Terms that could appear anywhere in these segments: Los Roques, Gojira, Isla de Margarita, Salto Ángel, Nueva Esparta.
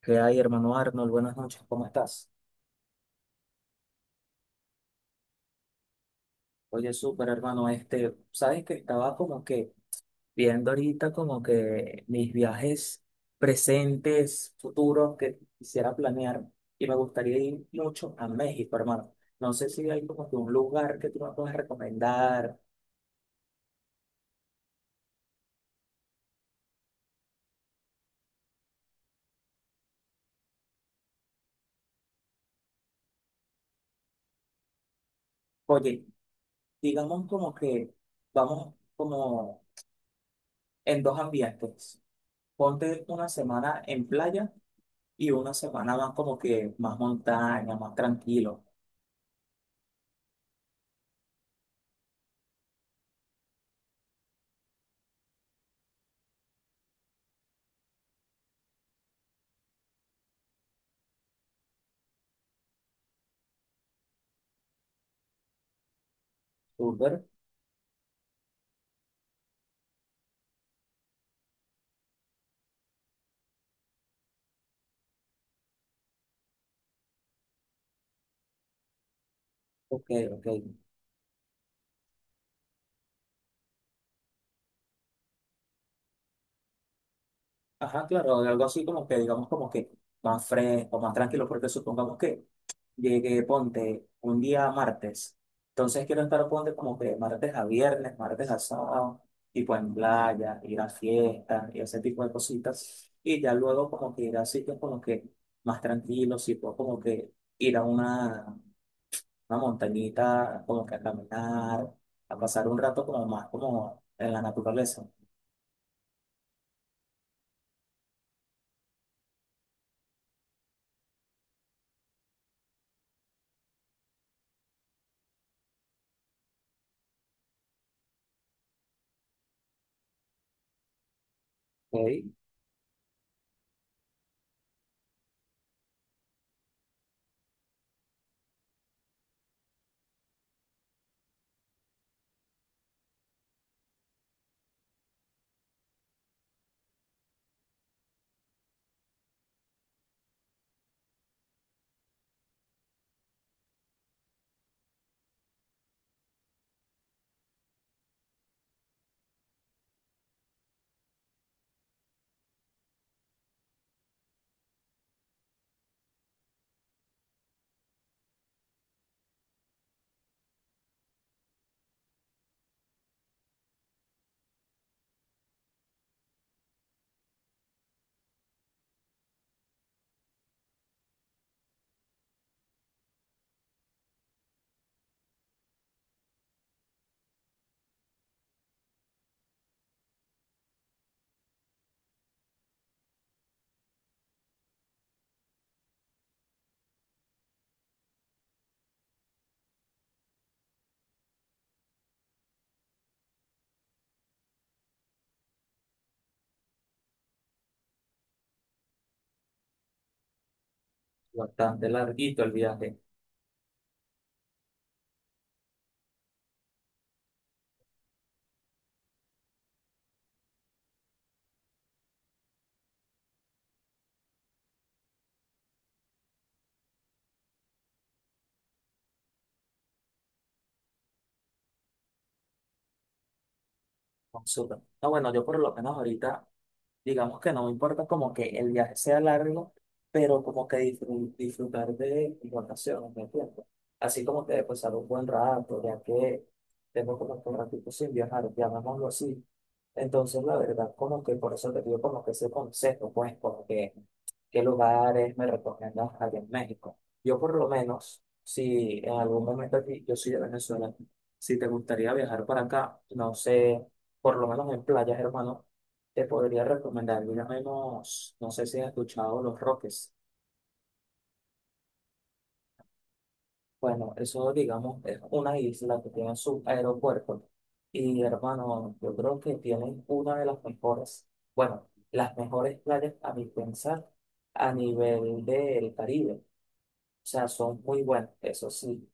¿Qué hay, hermano Arnold? Buenas noches, ¿cómo estás? Oye, súper, hermano, este, sabes que estaba como que viendo ahorita como que mis viajes presentes, futuros que quisiera planear y me gustaría ir mucho a México, hermano. No sé si hay como que un lugar que tú me puedas recomendar. Oye, digamos como que vamos como en dos ambientes. Ponte una semana en playa y una semana más como que más montaña, más tranquilo. Súper. Ok, ok. Ajá, claro, algo así como que, digamos, como que más fresco, más tranquilo, porque supongamos que llegue, ponte, un día martes. Entonces quiero estar, ponte, como que martes a viernes, martes a sábado, tipo en playa, ir a fiestas y ese tipo de cositas. Y ya luego como que ir a sitios como que más tranquilos, tipo como que ir a una montañita, como que a caminar, a pasar un rato como más como en la naturaleza. Ok. Bastante larguito el viaje. Súper. No, bueno, yo por lo menos ahorita, digamos que no me importa como que el viaje sea largo, pero como que disfrutar de mis vacaciones, ¿me entiendes? Así como que pasar un buen rato, ya que tengo como que un ratito sin viajar, llamémoslo así. Entonces, la verdad, como que por eso te digo como que ese consejo, pues, porque qué lugares me recomiendas allá en México. Yo por lo menos, si en algún momento aquí, yo soy de Venezuela, si te gustaría viajar para acá, no sé, por lo menos en playas, hermano te podría recomendar, mira menos, no sé si has escuchado Los Roques. Bueno, eso digamos es una isla que tiene su aeropuerto. Y hermano, yo creo que tienen una de las mejores, bueno, las mejores playas a mi pensar a nivel del Caribe. O sea, son muy buenas, eso sí.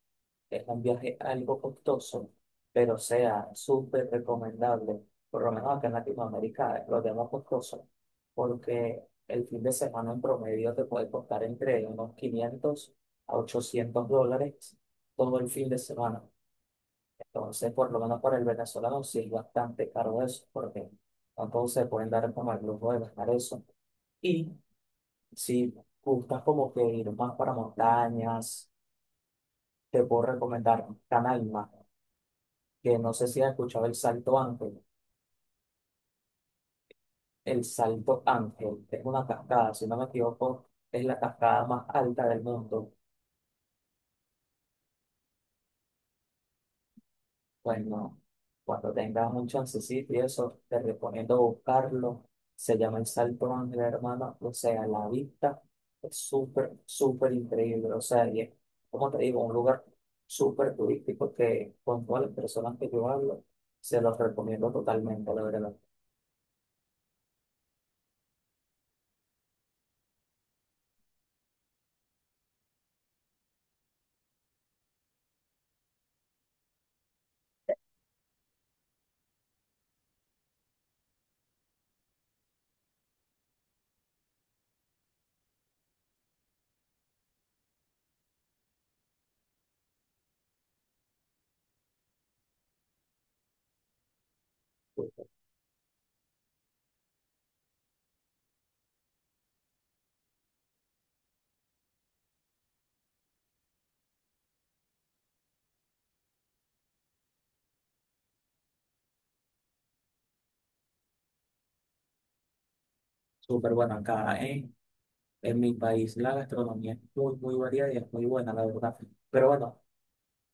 Es un viaje algo costoso, pero sea súper recomendable, por lo menos acá en Latinoamérica lo tenemos costoso, porque el fin de semana en promedio te puede costar entre unos 500 a $800 todo el fin de semana. Entonces, por lo menos para el venezolano sí es bastante caro eso, porque no todos se pueden dar como el lujo de gastar eso. Y si gustas como que ir más para montañas, te puedo recomendar Canal que no sé si has escuchado el Salto Ángel. El Salto Ángel es una cascada, si no me equivoco, es la cascada más alta del mundo. Bueno, cuando tengas un chancecito y eso, te recomiendo buscarlo. Se llama el Salto Ángel, hermano. O sea, la vista es súper, súper increíble. O sea, y es, como te digo, un lugar súper turístico que con todas las personas que yo hablo, se los recomiendo totalmente, la verdad. Súper bueno acá, ¿eh? En mi país la gastronomía es muy, muy variada y es muy buena, la verdad. Pero bueno,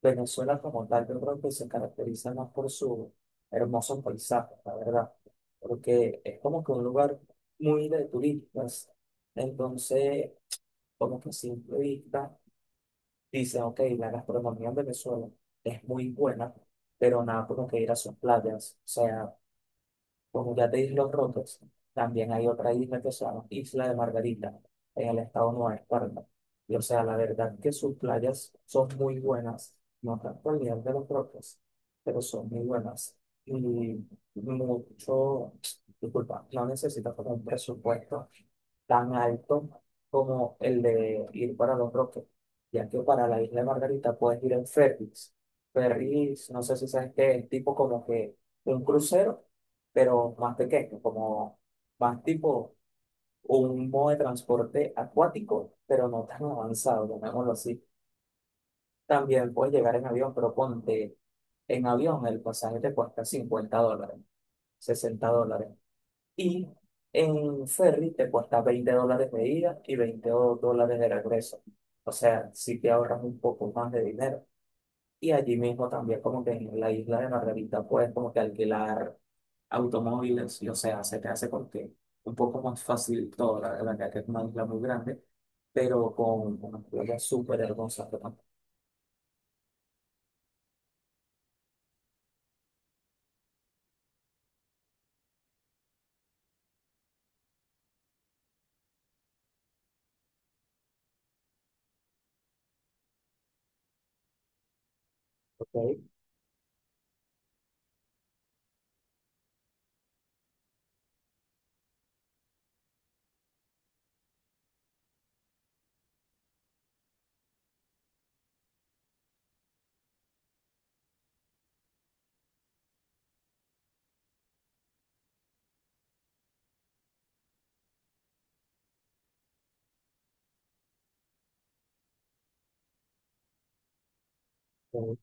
Venezuela como tal, yo creo que se caracteriza más por su hermoso paisaje, la verdad. Porque es como que un lugar muy de turistas. Entonces, como que a simple vista dicen, ok, la gastronomía en Venezuela es muy buena, pero nada como que ir a sus playas. O sea, como ya te dije los rotos, también hay otra isla que se llama Isla de Margarita, en el estado Nueva Esparta. Y o sea, la verdad que sus playas son muy buenas, no tanto al nivel de los rotos, pero son muy buenas. Y mucho, disculpa, no necesitas como un presupuesto tan alto como el de ir para Los Roques, ya que para la isla de Margarita puedes ir en ferries. Ferries, no sé si sabes qué es, tipo como que un crucero pero más pequeño, como más tipo un modo de transporte acuático, pero no tan avanzado, llamémoslo así. También puedes llegar en avión, pero ponte en avión, el pasaje te cuesta $50, $60. Y en ferry te cuesta $20 de ida y $20 de regreso. O sea, si te ahorras un poco más de dinero. Y allí mismo también como que en la isla de Margarita puedes como que alquilar automóviles, y o sea, se te hace porque un poco más fácil todo, la verdad que es una isla muy grande, pero con una playa súper hermosa que tampoco hay. Eh,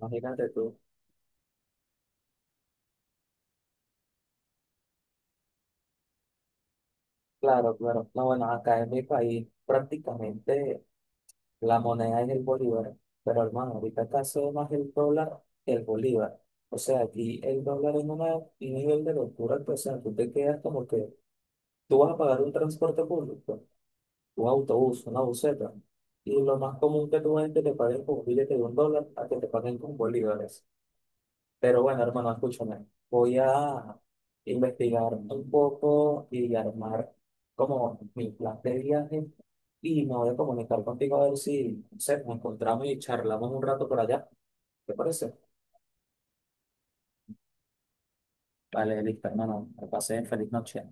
Imagínate tú. Claro, claro. No, bueno, acá en mi país prácticamente la moneda es el bolívar, pero hermano, ahorita acá se ve más el dólar que el bolívar. O sea, aquí el dólar es un nivel de locura, que, o sea, tú te quedas como que tú vas a pagar un transporte público. Un autobús, una buseta. Y lo más común que tú ves es que te paguen con un billete de un dólar a que te paguen con bolívares. Pero bueno, hermano, escúchame. Voy a investigar un poco y armar como mi plan de viaje. Y me voy a comunicar contigo a ver si, no sé, nos encontramos y charlamos un rato por allá. ¿Te parece? Vale, listo, hermano. Me pasé feliz noche.